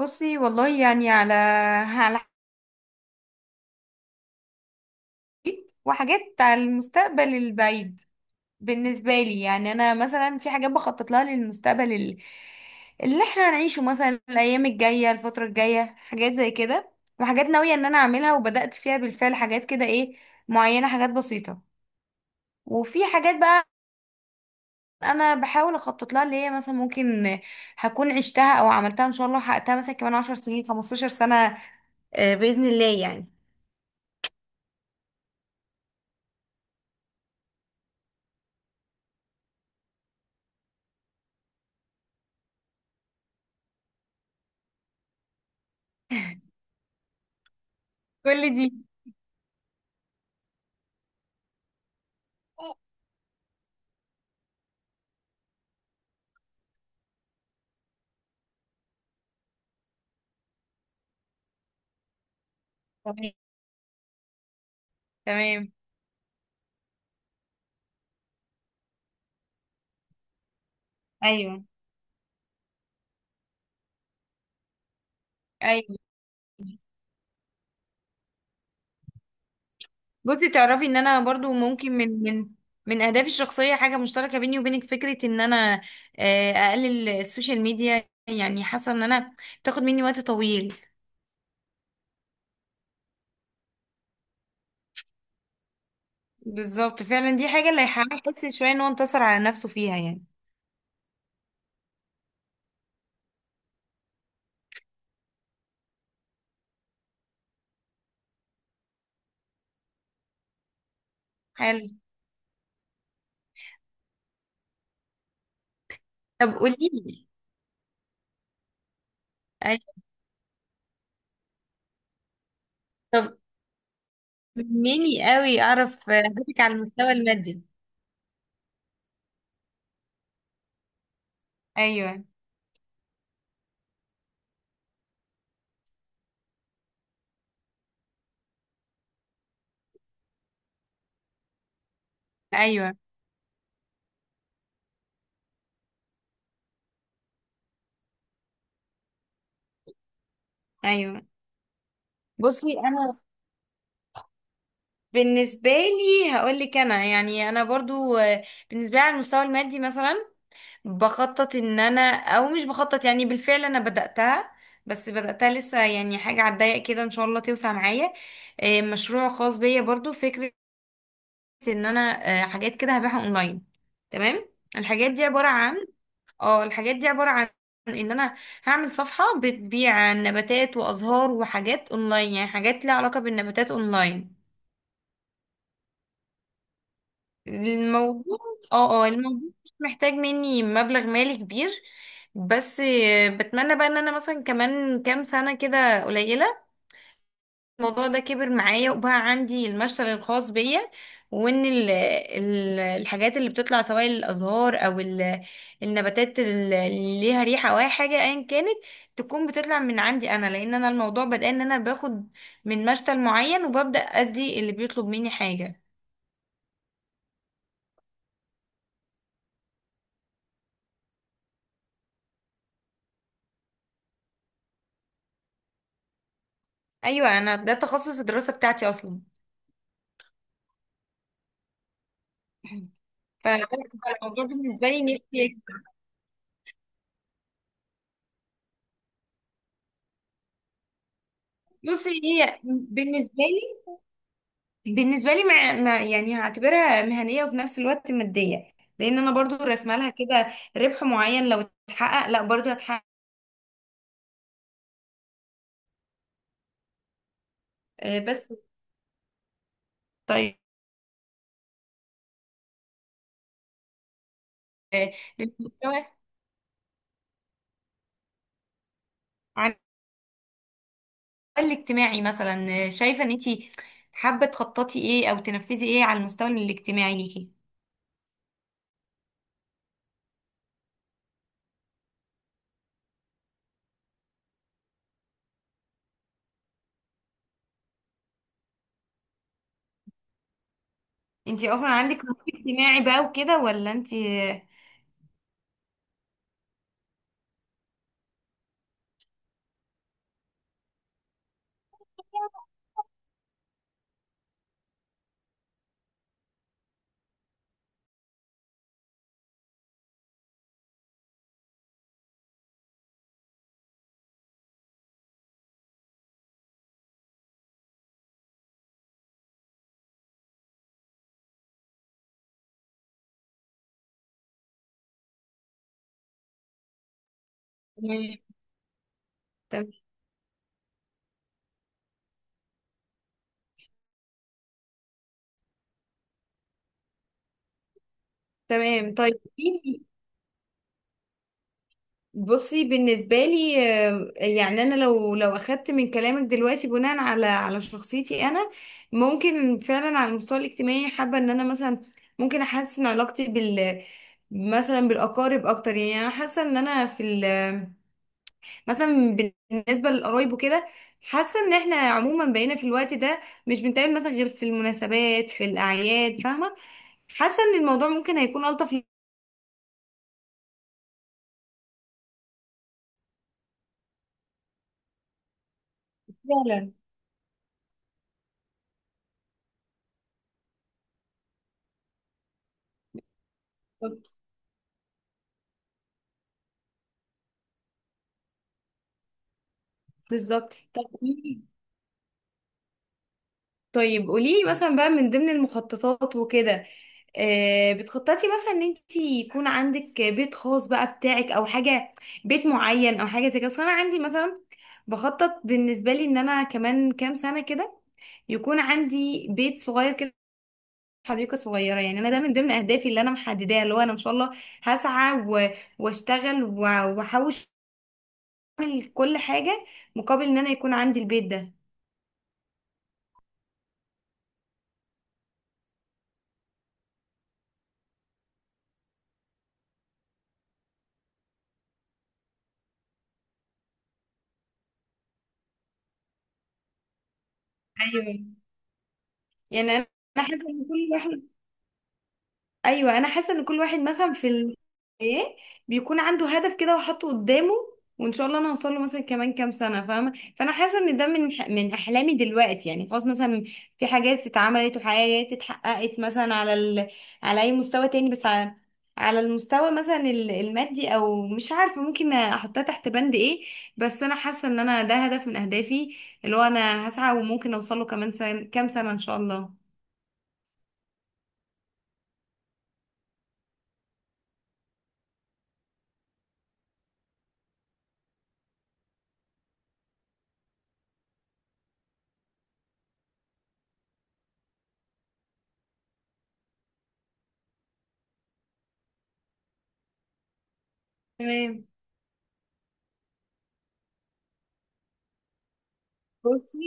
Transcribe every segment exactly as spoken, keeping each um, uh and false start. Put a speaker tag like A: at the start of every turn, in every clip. A: بصي والله يعني على على حاجات وحاجات على المستقبل البعيد. بالنسبة لي يعني أنا مثلا في حاجات بخطط لها للمستقبل ال- اللي احنا هنعيشه، مثلا الأيام الجاية، الفترة الجاية، حاجات زي كده. وحاجات ناوية إن أنا أعملها وبدأت فيها بالفعل، حاجات كده إيه معينة، حاجات بسيطة. وفي حاجات بقى أنا بحاول أخطط لها، اللي هي مثلا ممكن هكون عشتها أو عملتها إن شاء الله وحققتها مثلا كمان عشر سنين، خمستاشر سنة. آه، بإذن الله يعني. كل دي تمام. ايوه. ايوه، بصي تعرفي ان انا برضو ممكن من من من اهدافي الشخصيه حاجه مشتركه بيني وبينك، فكره ان انا آه، اقلل السوشيال ميديا. يعني حاسه ان انا بتاخد مني وقت طويل. بالظبط فعلا، دي حاجه اللي هيخليه يحس شويه ان هو انتصر على نفسه فيها يعني. حلو. طب قولي لي. أيوة. طب مني قوي اعرف اهدافك على المستوى المادي. ايوه. ايوه. ايوه، بصي انا بالنسبة لي هقولك. أنا يعني أنا برضو آه، بالنسبة لي على المستوى المادي مثلا بخطط إن أنا، أو مش بخطط، يعني بالفعل أنا بدأتها، بس بدأتها لسه، يعني حاجة على الضيق كده إن شاء الله توسع معايا. آه، مشروع خاص بيا برضو، فكرة إن أنا آه، حاجات كده هبيعها أونلاين. تمام. الحاجات دي عبارة عن، اه الحاجات دي عبارة عن ان انا هعمل صفحة بتبيع نباتات وازهار وحاجات اونلاين. يعني حاجات ليها علاقة بالنباتات اونلاين. الموضوع، اه اه الموضوع مش محتاج مني مبلغ مالي كبير، بس آه، بتمنى بقى ان انا مثلا كمان كام سنة كده قليلة الموضوع ده كبر معايا وبقى عندي المشتل الخاص بيا، وان ال ال الحاجات اللي بتطلع، سواء الازهار او ال- النباتات اللي ليها ريحة او اي حاجة ايا كانت، تكون بتطلع من عندي انا. لان انا الموضوع بدأ ان انا باخد من مشتل معين وببدأ ادي اللي بيطلب مني حاجة. ايوه، انا ده تخصص الدراسة بتاعتي اصلا. فبس الموضوع بالنسبه لي نفسي. بصي هي بالنسبه لي بالنسبه لي مع... مع، يعني هعتبرها مهنيه وفي نفس الوقت ماديه، لان انا برضو راسمه لها كده، ربح معين لو اتحقق لا برضو هتحقق. آه، بس. طيب آه، للمستوى، على المستوى الاجتماعي مثلا، آه، شايفه ان انت حابه تخططي ايه او تنفذي ايه على المستوى الاجتماعي ليكي؟ انت اصلا عندك رهاب اجتماعي بقى وكده ولا انت؟ آه، تمام. تمام. تمام. طيب، بصي بالنسبة لي آه، يعني أنا لو لو أخدت من كلامك دلوقتي بناء على على شخصيتي أنا، ممكن فعلا على المستوى الاجتماعي حابة إن أنا مثلا ممكن أحسن علاقتي بال مثلا بالأقارب أكتر. يعني أنا حاسة إن أنا في ال مثلا بالنسبة للقرايب وكده، حاسة إن إحنا عموما بقينا في الوقت ده مش بنتقابل مثلا غير في المناسبات في الأعياد، فاهمة؟ حاسة إن الموضوع ممكن هيكون ألطف. فعلا. بالظبط، طب قوليلي، طيب قوليلي مثلا بقى من ضمن المخططات وكده، آه، بتخططي مثلا ان انت يكون عندك بيت خاص بقى بتاعك او حاجه، بيت معين او حاجه زي كده؟ أصل انا عندي مثلا بخطط، بالنسبه لي ان انا كمان كام سنه كده يكون عندي بيت صغير كده، حديقه صغيره. يعني انا ده من ضمن اهدافي اللي انا محدداها، اللي هو انا ان شاء الله هسعى و- واشتغل و- واحوش، اعمل كل حاجه مقابل ان انا يكون عندي البيت ده. ايوه. يعني انا، أنا حاسه ان كل واحد، ايوه انا حاسه ان كل واحد مثلا في ال... ايه، بيكون عنده هدف كده وحاطه قدامه، وان شاء الله انا هوصل له مثلا كمان كام سنه، فاهمه؟ فانا حاسه ان ده من ح- من احلامي دلوقتي. يعني خلاص مثلا في حاجات اتعملت وحاجات اتحققت مثلا على ال... على اي مستوى تاني، بس على على المستوى مثلا ال- المادي او مش عارفه ممكن احطها تحت بند ايه، بس انا حاسه ان انا ده هدف من اهدافي، اللي هو انا هسعى وممكن اوصل له كمان سنة... كام سنه ان شاء الله. تمام. بصي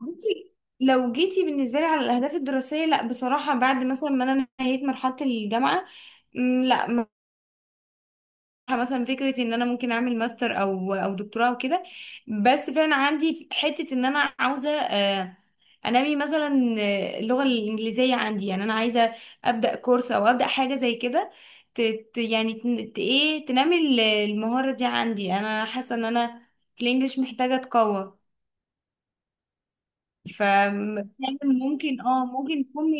A: بصي لو جيتي بالنسبة لي على الأهداف الدراسية، لا بصراحة بعد مثلا ما أنا نهيت مرحلة الجامعة، مم، لا م- مثلا فكرة إن أنا ممكن أعمل ماستر أو أو دكتوراه وكده، بس فعلا عندي حتة إن أنا عاوزة آه، أنمي مثلا آه، اللغة الإنجليزية عندي. يعني أنا عايزة أبدأ كورس أو أبدأ حاجة زي كده، ت- ت- يعني تن- ت- إيه تنمي ال- المهارة دي عندي. أنا حاسة إن أنا في الإنجليش محتاجة أتقوى. فكان ممكن، اه ممكن تكون.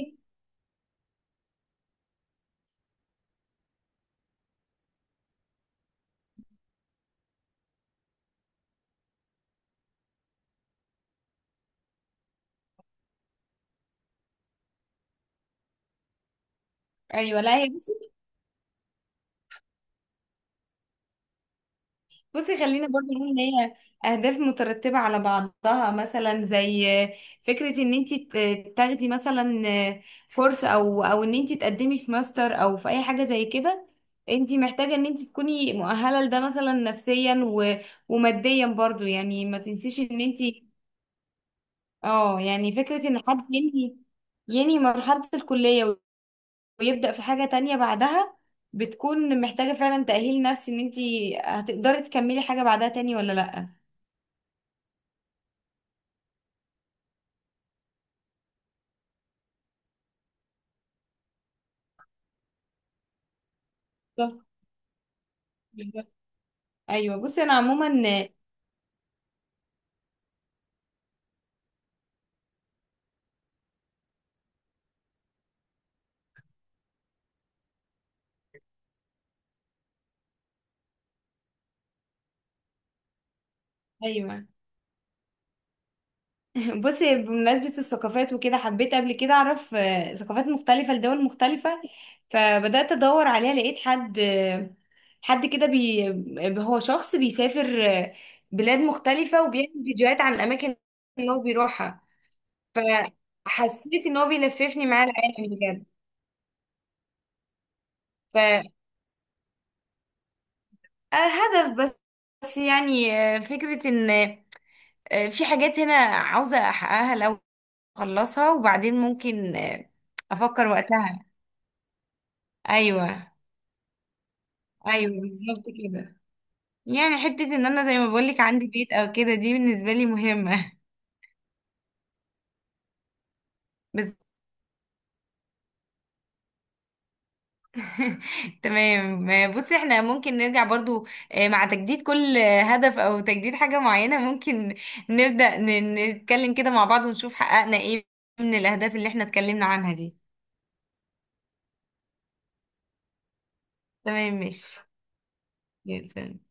A: ايوه. لا هي بصي، بصي خلينا برضه نقول ان هي اهداف مترتبه على بعضها، مثلا زي فكره ان انت تاخدي مثلا كورس او او ان انت تقدمي في ماستر او في اي حاجه زي كده، انت محتاجه ان انت تكوني مؤهله لده مثلا نفسيا و... وماديا برضه. يعني ما تنسيش ان انت، اه يعني فكره ان حد ينهي ينهي مرحله الكليه ويبدأ في حاجة تانية بعدها، بتكون محتاجة فعلا تأهيل نفسي ان انتي هتقدري تكملي حاجة بعدها تاني ولا لأ. بالظبط. بالظبط. ايوه بصي انا عموما. ايوه. بصي بمناسبة الثقافات وكده، حبيت قبل كده اعرف آه، ثقافات مختلفة لدول مختلفة، فبدأت ادور عليها، لقيت حد، آه، حد كده بي هو شخص بيسافر آه، بلاد مختلفة وبيعمل فيديوهات عن الاماكن اللي هو بيروحها. فحسيت ان هو بيلففني معاه العالم. بجد. آه، هدف، بس بس يعني آه، فكرة ان آه، في حاجات هنا عاوزة احققها، لو اخلصها وبعدين ممكن آه، افكر وقتها. ايوه. ايوه بالظبط كده. يعني حتة ان انا زي ما بقولك عندي بيت او كده، دي بالنسبة لي مهمة. بس. تمام. آه، بصي احنا ممكن نرجع برضو آه، مع تجديد كل آه، هدف او تجديد حاجة معينة، ممكن نبدأ ن- نتكلم كده مع بعض ونشوف حققنا ايه من الاهداف اللي احنا اتكلمنا عنها دي. تمام ماشي. جدا.